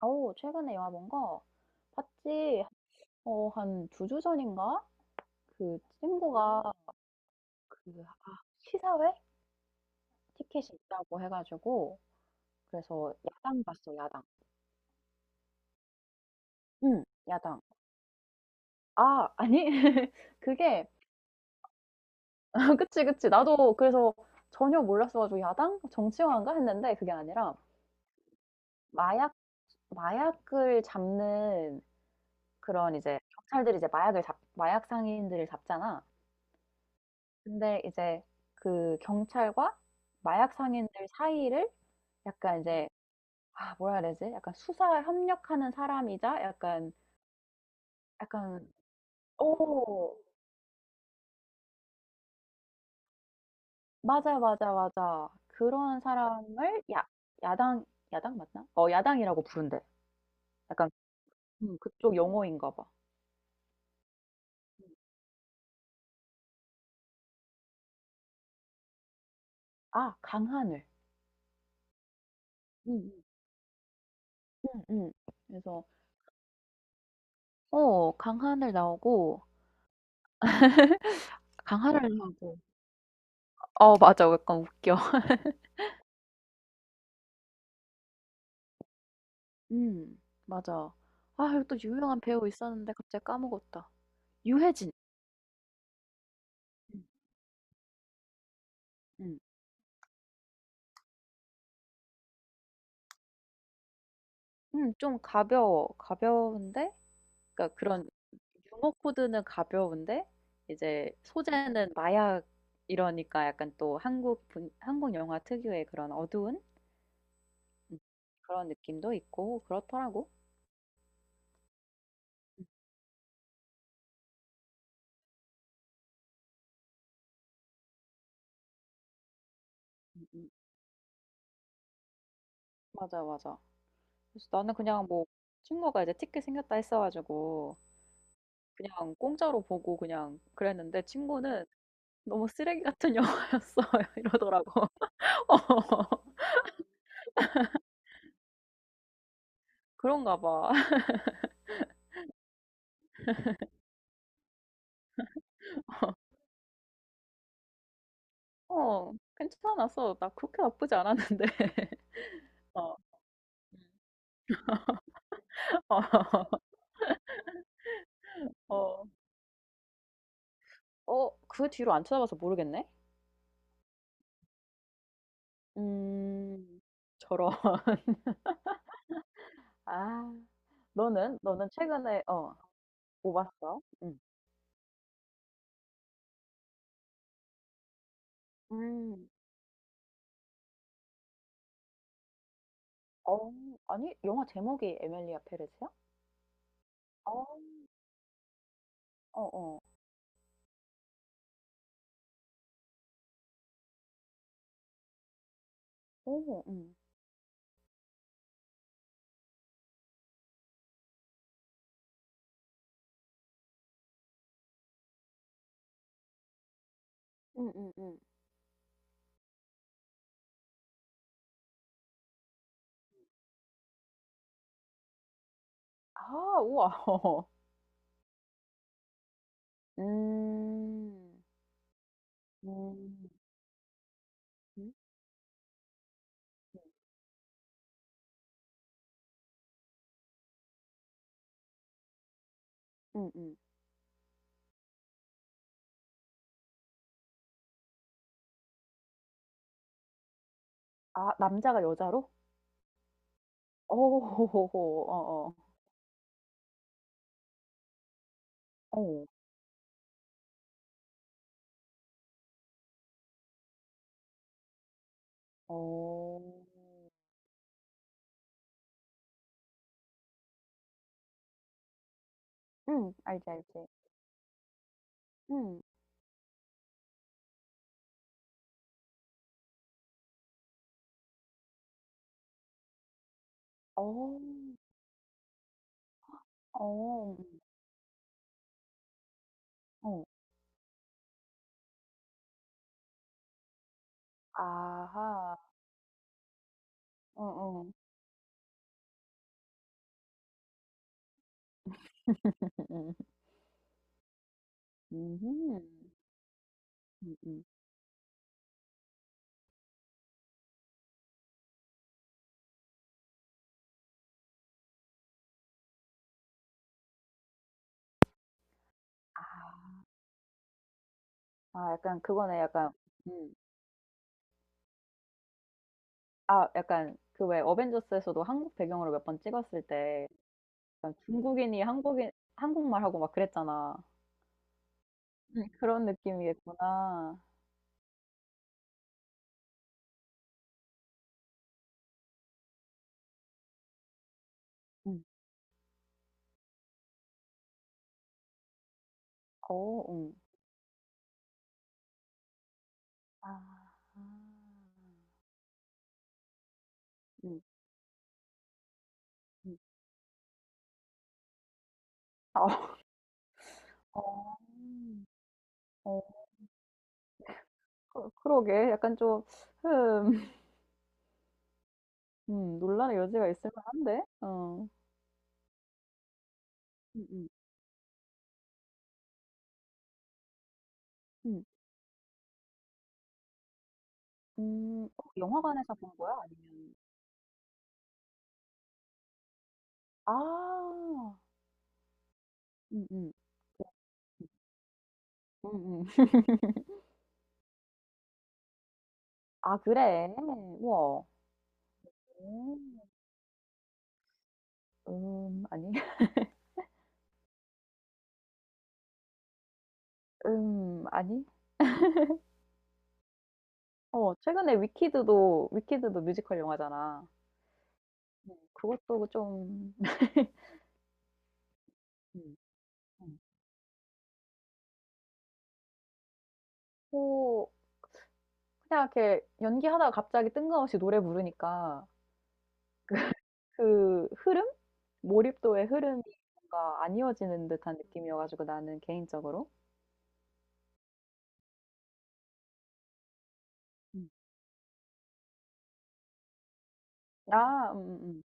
어 최근에 영화 본 거? 봤지. 어 한 두 주 전인가? 그 친구가 그 아 시사회 티켓이 있다고 해 가지고 그래서 야당 봤어 야당. 응 야당. 아 아니 그게 그치, 그치. 나도 그래서 전혀 몰랐어 가지고 '야당? 정치화인가?' 했는데 그게 아니라 마약 마약을 잡는 그런 이제 경찰들이 이제 마약 상인들을 잡잖아. 근데 이제 그 경찰과 마약 상인들 사이를 약간 이제 아 뭐라 해야 되지? 약간 수사에 협력하는 사람이자 약간 약간 어 맞아, 맞아, 맞아. 그런 사람을 야 야당 야당 맞나? 어 야당이라고 부른대. 약간 그쪽 용어인가 봐. 음. 아 강하늘. 음. 음음. 그래서 어 강하늘 나오고 강하늘 나오고 어 맞아. 약간 웃겨. 음. 맞아. 아 이거 또 유명한 배우 있었는데 갑자기 까먹었다. 유해진. 음. 음. 좀 가벼워. 가벼운데 그러니까 그런 유머 코드는 가벼운데 이제 소재는 마약 이러니까 약간 또 한국 영화 특유의 그런 어두운 음 그런 느낌도 있고 그렇더라고. 음음. 맞아, 맞아. 그래서 나는 그냥 뭐 친구가 이제 티켓 생겼다 했어 가지고 그냥 공짜로 보고 그냥 그랬는데 친구는 너무 쓰레기 같은 영화였어 이러더라고. 어, 그런가 봐. 어, 괜찮았어. 나 그렇게 나쁘지 않았는데. 어, 어, 어, 어, 그 뒤로 안 찾아봐서 모르겠네? 음, 저런. 아, 너는 최근에, 어, 뭐 봤어? 응. 음, 어, 아니, 영화 제목이 에밀리아 페레스야? 어, 어, 어, 오, 음, 음, 음. 아, 우와. 어. 음, 음, 음. 음음. 아 남자가 여자로? 어. 어어. 어. 어. 음. 알지, 알지. 음. 어. 어. 음. 어. 아하. 어어. 음. 음흠. 음음. 아. 아 약간 그거네. 약간 음. 아 약간 그 왜 어벤져스에서도 한국 배경으로 몇 번 찍었을 때 약간 중국인이 한국인 한국말하고 막 그랬잖아. 음. 그런 느낌이겠구나. 음. 어. 음. 아. 음. 음. 아. 어. 어 그 그러게. 약간 좀 흠 논란의 여지가 있을 만한데. 어. 음음. 음. 음. 어 영화관에서 본 거야? 아니면 아. 음음. 음음. 아 그래? 우와. 아니. 아니. 어 최근에 위키드도 뮤지컬 영화잖아. 그것도 좀 음. 음. 호 그냥 이렇게 연기하다가 갑자기 뜬금없이 노래 부르니까 그 흐름? 몰입도의 흐름이 뭔가 안 이어지는 듯한 느낌이어 가지고 나는 개인적으로. 음. 아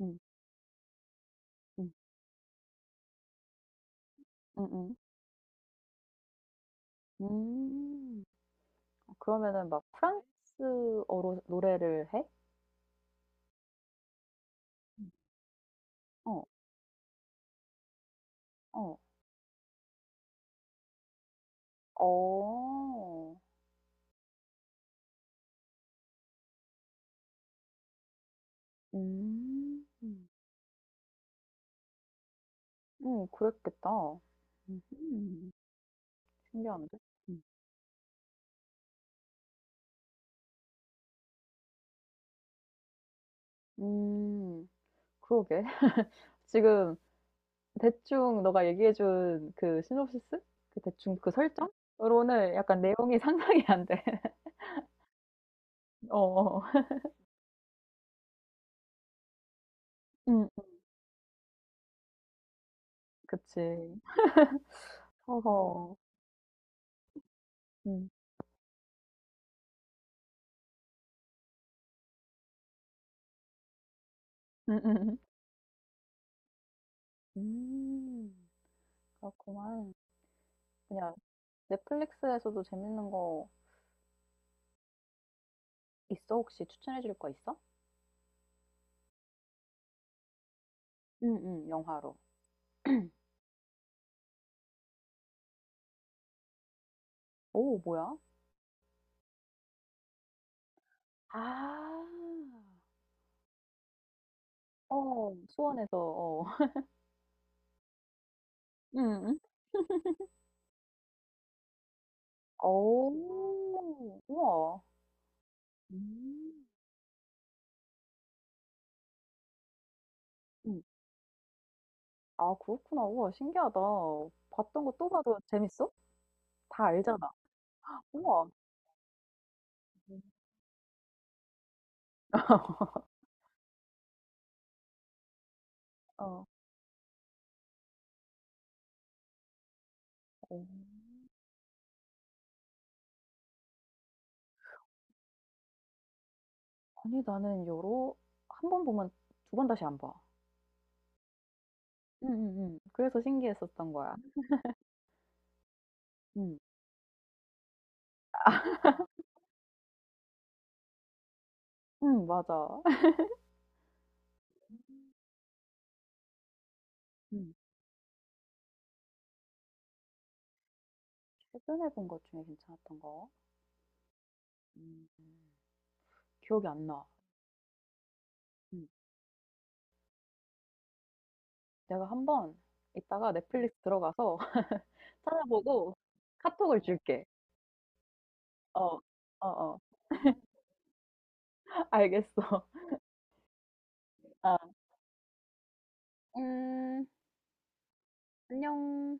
음. 음. 음음. 음. 어 그러면은 막 프랑스어로 노래를 해? 음. 어. 어. 어. 음. 그랬겠다. 음음. 신기한데? 음. 음. 그러게. 지금 대충 너가 얘기해 준 그 시놉시스? 그 대충 그 설정으로는 약간 내용이 상상이 안 돼. 어어. 음 그치. 허허 음. 음음. 음. 음, 그렇구만. 그냥 넷플릭스에서도 재밌는 거 있어? 혹시 추천해 줄 거 있어? 응 응 영화로. 오 뭐야? 아. 어. 수원에서 어. 응 어. 우와. 음. 음. 아 그렇구나. 우와 신기하다. 봤던 거 또 봐도 재밌어? 다 알잖아. 우와. 음. 어. 어. 아니 나는 여러 한 번 보면 두 번 다시 안 봐. 응응응 그래서 신기했었던 거야. 응 응 맞아. 응 최근에 본 것 중에 괜찮았던 거? 음. 기억이 안 나. 응 내가 한 번 이따가 넷플릭스 들어가서 찾아보고 카톡을 줄게. 어. 어 어. 알겠어. 아. 음. 안녕.